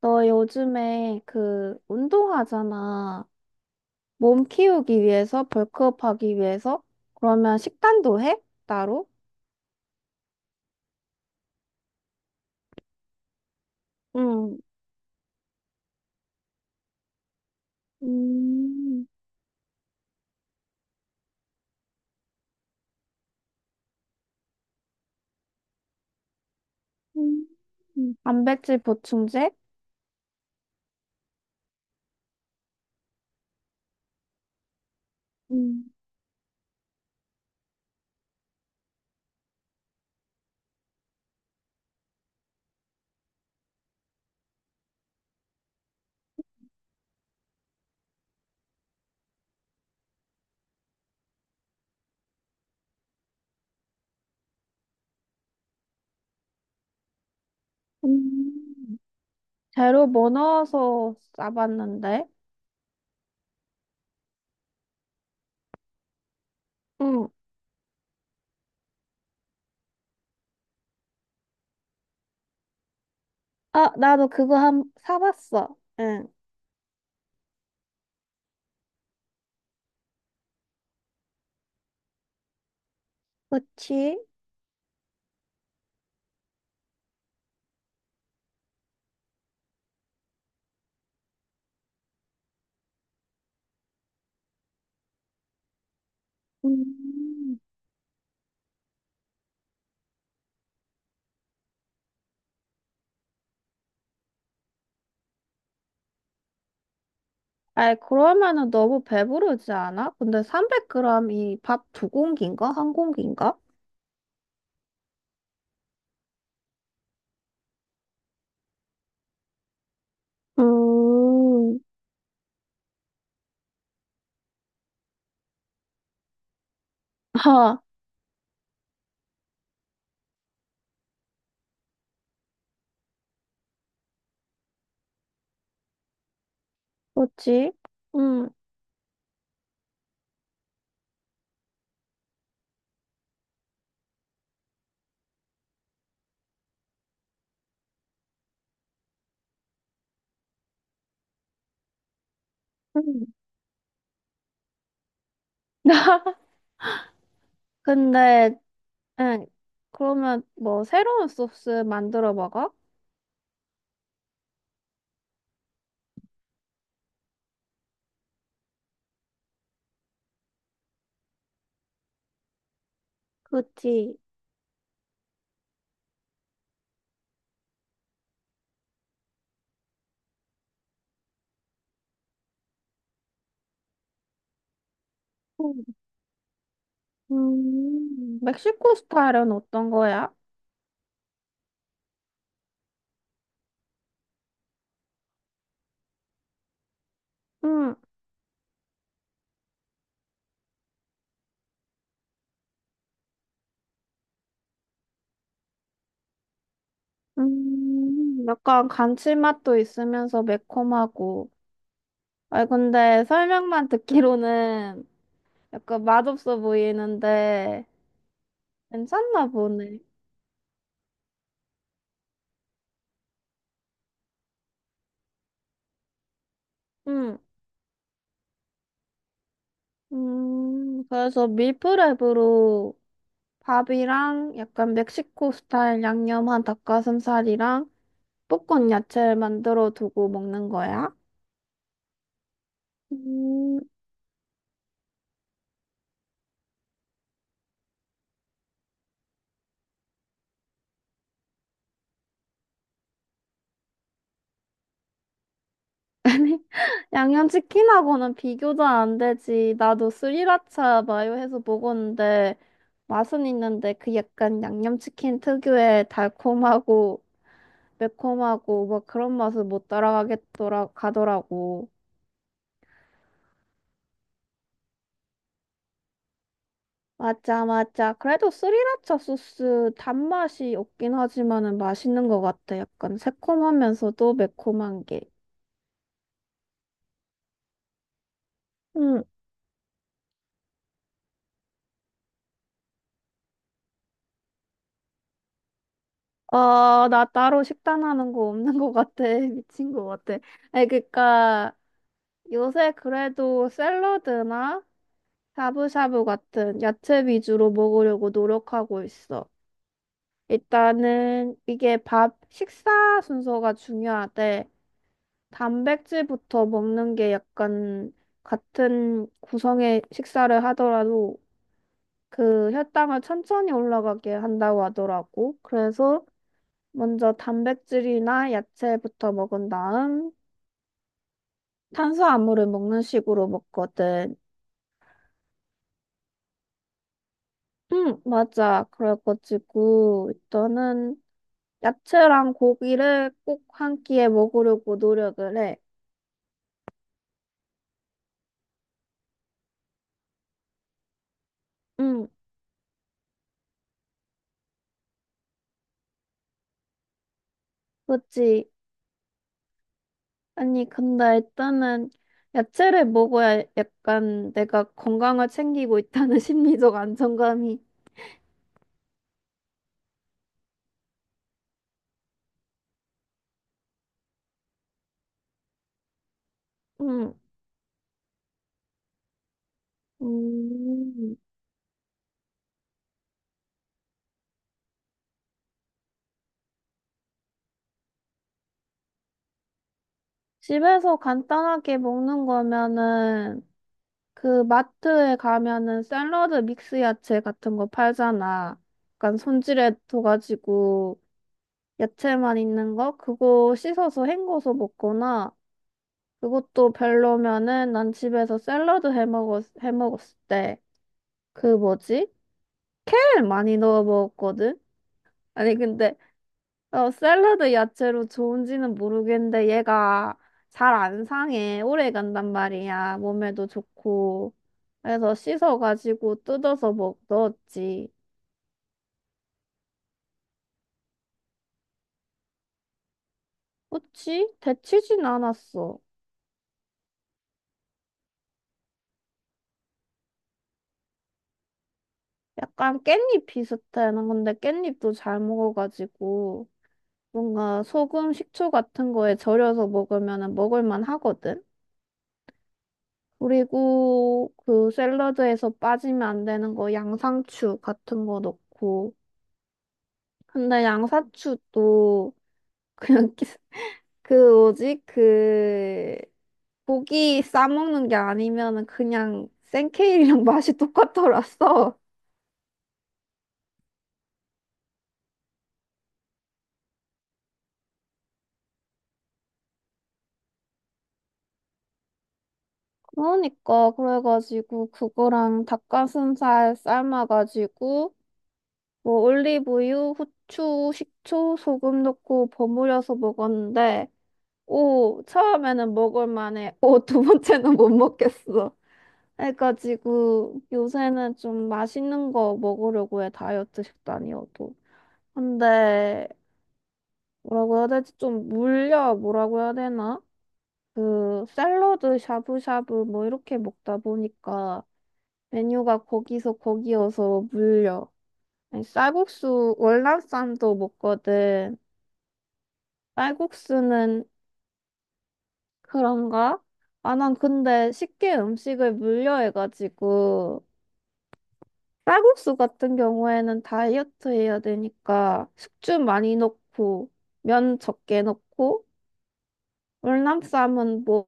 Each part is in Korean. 너 요즘에 그 운동하잖아. 몸 키우기 위해서, 벌크업 하기 위해서? 그러면 식단도 해? 따로? 응, 음, 음, 단백질 보충제? 음, 음, 재료 뭐 넣어서 싸봤는데? 응, 아, 나도 그거 사봤어. 응, 그치? 음. 아이, 그러면은 너무 배부르지 않아? 근데 300g이 밥 두 공기인가? 한 공기인가? 음, 하, 뭐지? 음, 음. 근데, 응, 그러면 뭐 새로운 소스 만들어 먹어? 그치. 음, 멕시코 스타일은 어떤 거야? 음, 약간 감칠맛도 있으면서 매콤하고. 아, 근데 설명만 듣기로는 약간 맛없어 보이는데 괜찮나 보네. 음, 그래서 밀프랩으로 밥이랑 약간 멕시코 스타일 양념한 닭가슴살이랑 볶은 야채를 만들어 두고 먹는 거야? 음, 아니, 양념치킨하고는 비교도 안 되지. 나도 스리라차 마요 해서 먹었는데 맛은 있는데 그 약간 양념치킨 특유의 달콤하고 매콤하고 막 그런 맛을 못 따라가겠더라 가더라고. 맞아, 맞아. 그래도 스리라차 소스 단맛이 없긴 하지만은 맛있는 것 같아. 약간 새콤하면서도 매콤한 게. 응. 아, 나 따로 식단하는 거 없는 것 같아. 미친 것 같아. 아니, 그니까 요새 그래도 샐러드나 샤브샤브 같은 야채 위주로 먹으려고 노력하고 있어. 일단은 이게 밥, 식사 순서가 중요하대. 단백질부터 먹는 게 약간 같은 구성의 식사를 하더라도 그 혈당을 천천히 올라가게 한다고 하더라고. 그래서 먼저 단백질이나 야채부터 먹은 다음 탄수화물을 먹는 식으로 먹거든. 응, 맞아. 그래가지고 일단은 야채랑 고기를 꼭 한 끼에 먹으려고 노력을 해. 응, 그치. 아니, 근데 일단은 야채를 먹어야 약간 내가 건강을 챙기고 있다는 심리적 안정감이. 음, 음. 집에서 간단하게 먹는 거면은 그 마트에 가면은 샐러드 믹스 야채 같은 거 팔잖아. 약간 손질해 둬가지고 야채만 있는 거? 그거 씻어서 헹궈서 먹거나 그것도 별로면은 난 집에서 샐러드 해 먹었을 때 그 뭐지? 케일 많이 넣어 먹었거든? 아니, 근데, 어, 샐러드 야채로 좋은지는 모르겠는데, 얘가 잘 안 상해. 오래 간단 말이야. 몸에도 좋고. 그래서 씻어가지고 뜯어서 넣었지. 그치? 데치진 않았어. 약간 깻잎 비슷해. 난 근데 깻잎도 잘 먹어가지고, 뭔가 소금, 식초 같은 거에 절여서 먹으면 먹을만 하거든? 그리고 그 샐러드에서 빠지면 안 되는 거 양상추 같은 거 넣고. 근데 양상추도 그냥 끼- 그 뭐지? 그 고기 싸먹는 게 아니면은 그냥 생케일이랑 맛이 똑같더라서. 그러니까 그래가지고 그거랑 닭가슴살 삶아가지고 뭐 올리브유, 후추, 식초, 소금 넣고 버무려서 먹었는데 오, 처음에는 먹을 만해. 오, 두 번째는 못 먹겠어. 해가지고 요새는 좀 맛있는 거 먹으려고 해, 다이어트 식단이어도. 근데 뭐라고 해야 되지? 좀 물려, 뭐라고 해야 되나? 그 샐러드 샤브샤브 뭐 이렇게 먹다 보니까 메뉴가 거기서 거기여서 물려. 아니, 쌀국수 월남쌈도 먹거든. 쌀국수는 그런가? 아, 난 근데 쉽게 음식을 물려해가지고, 쌀국수 같은 경우에는 다이어트 해야 되니까, 숙주 많이 넣고, 면 적게 넣고, 월남쌈은 뭐,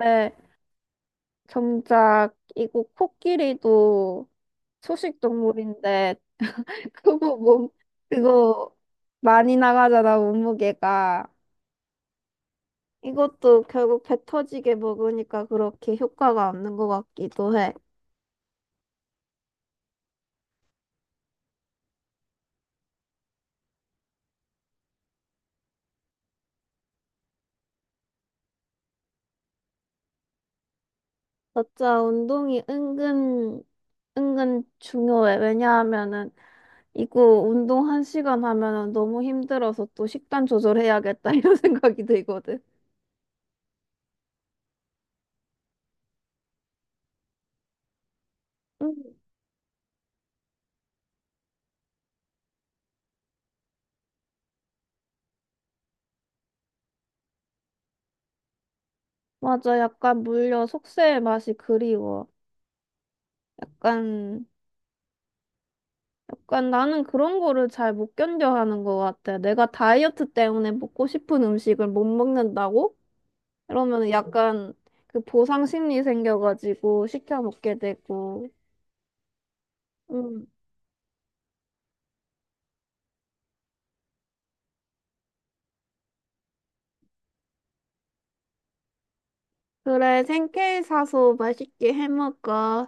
에, 정작, 이거 코끼리도 초식 동물인데, 그거 몸, 그거 많이 나가잖아, 몸무게가. 이것도 결국 배 터지게 먹으니까 그렇게 효과가 없는 것 같기도 해. 맞아, 운동이 은근, 은근 중요해. 왜냐하면은, 이거 운동 한 시간 하면은 너무 힘들어서 또 식단 조절해야겠다, 이런 생각이 들거든. 음. 맞아, 약간 물려 속세의 맛이 그리워. 약간, 약간 나는 그런 거를 잘 못 견뎌 하는 것 같아. 내가 다이어트 때문에 먹고 싶은 음식을 못 먹는다고? 이러면 약간 그 보상 심리 생겨가지고 시켜 먹게 되고. 그래, 생케이 사서 맛있게 해먹어.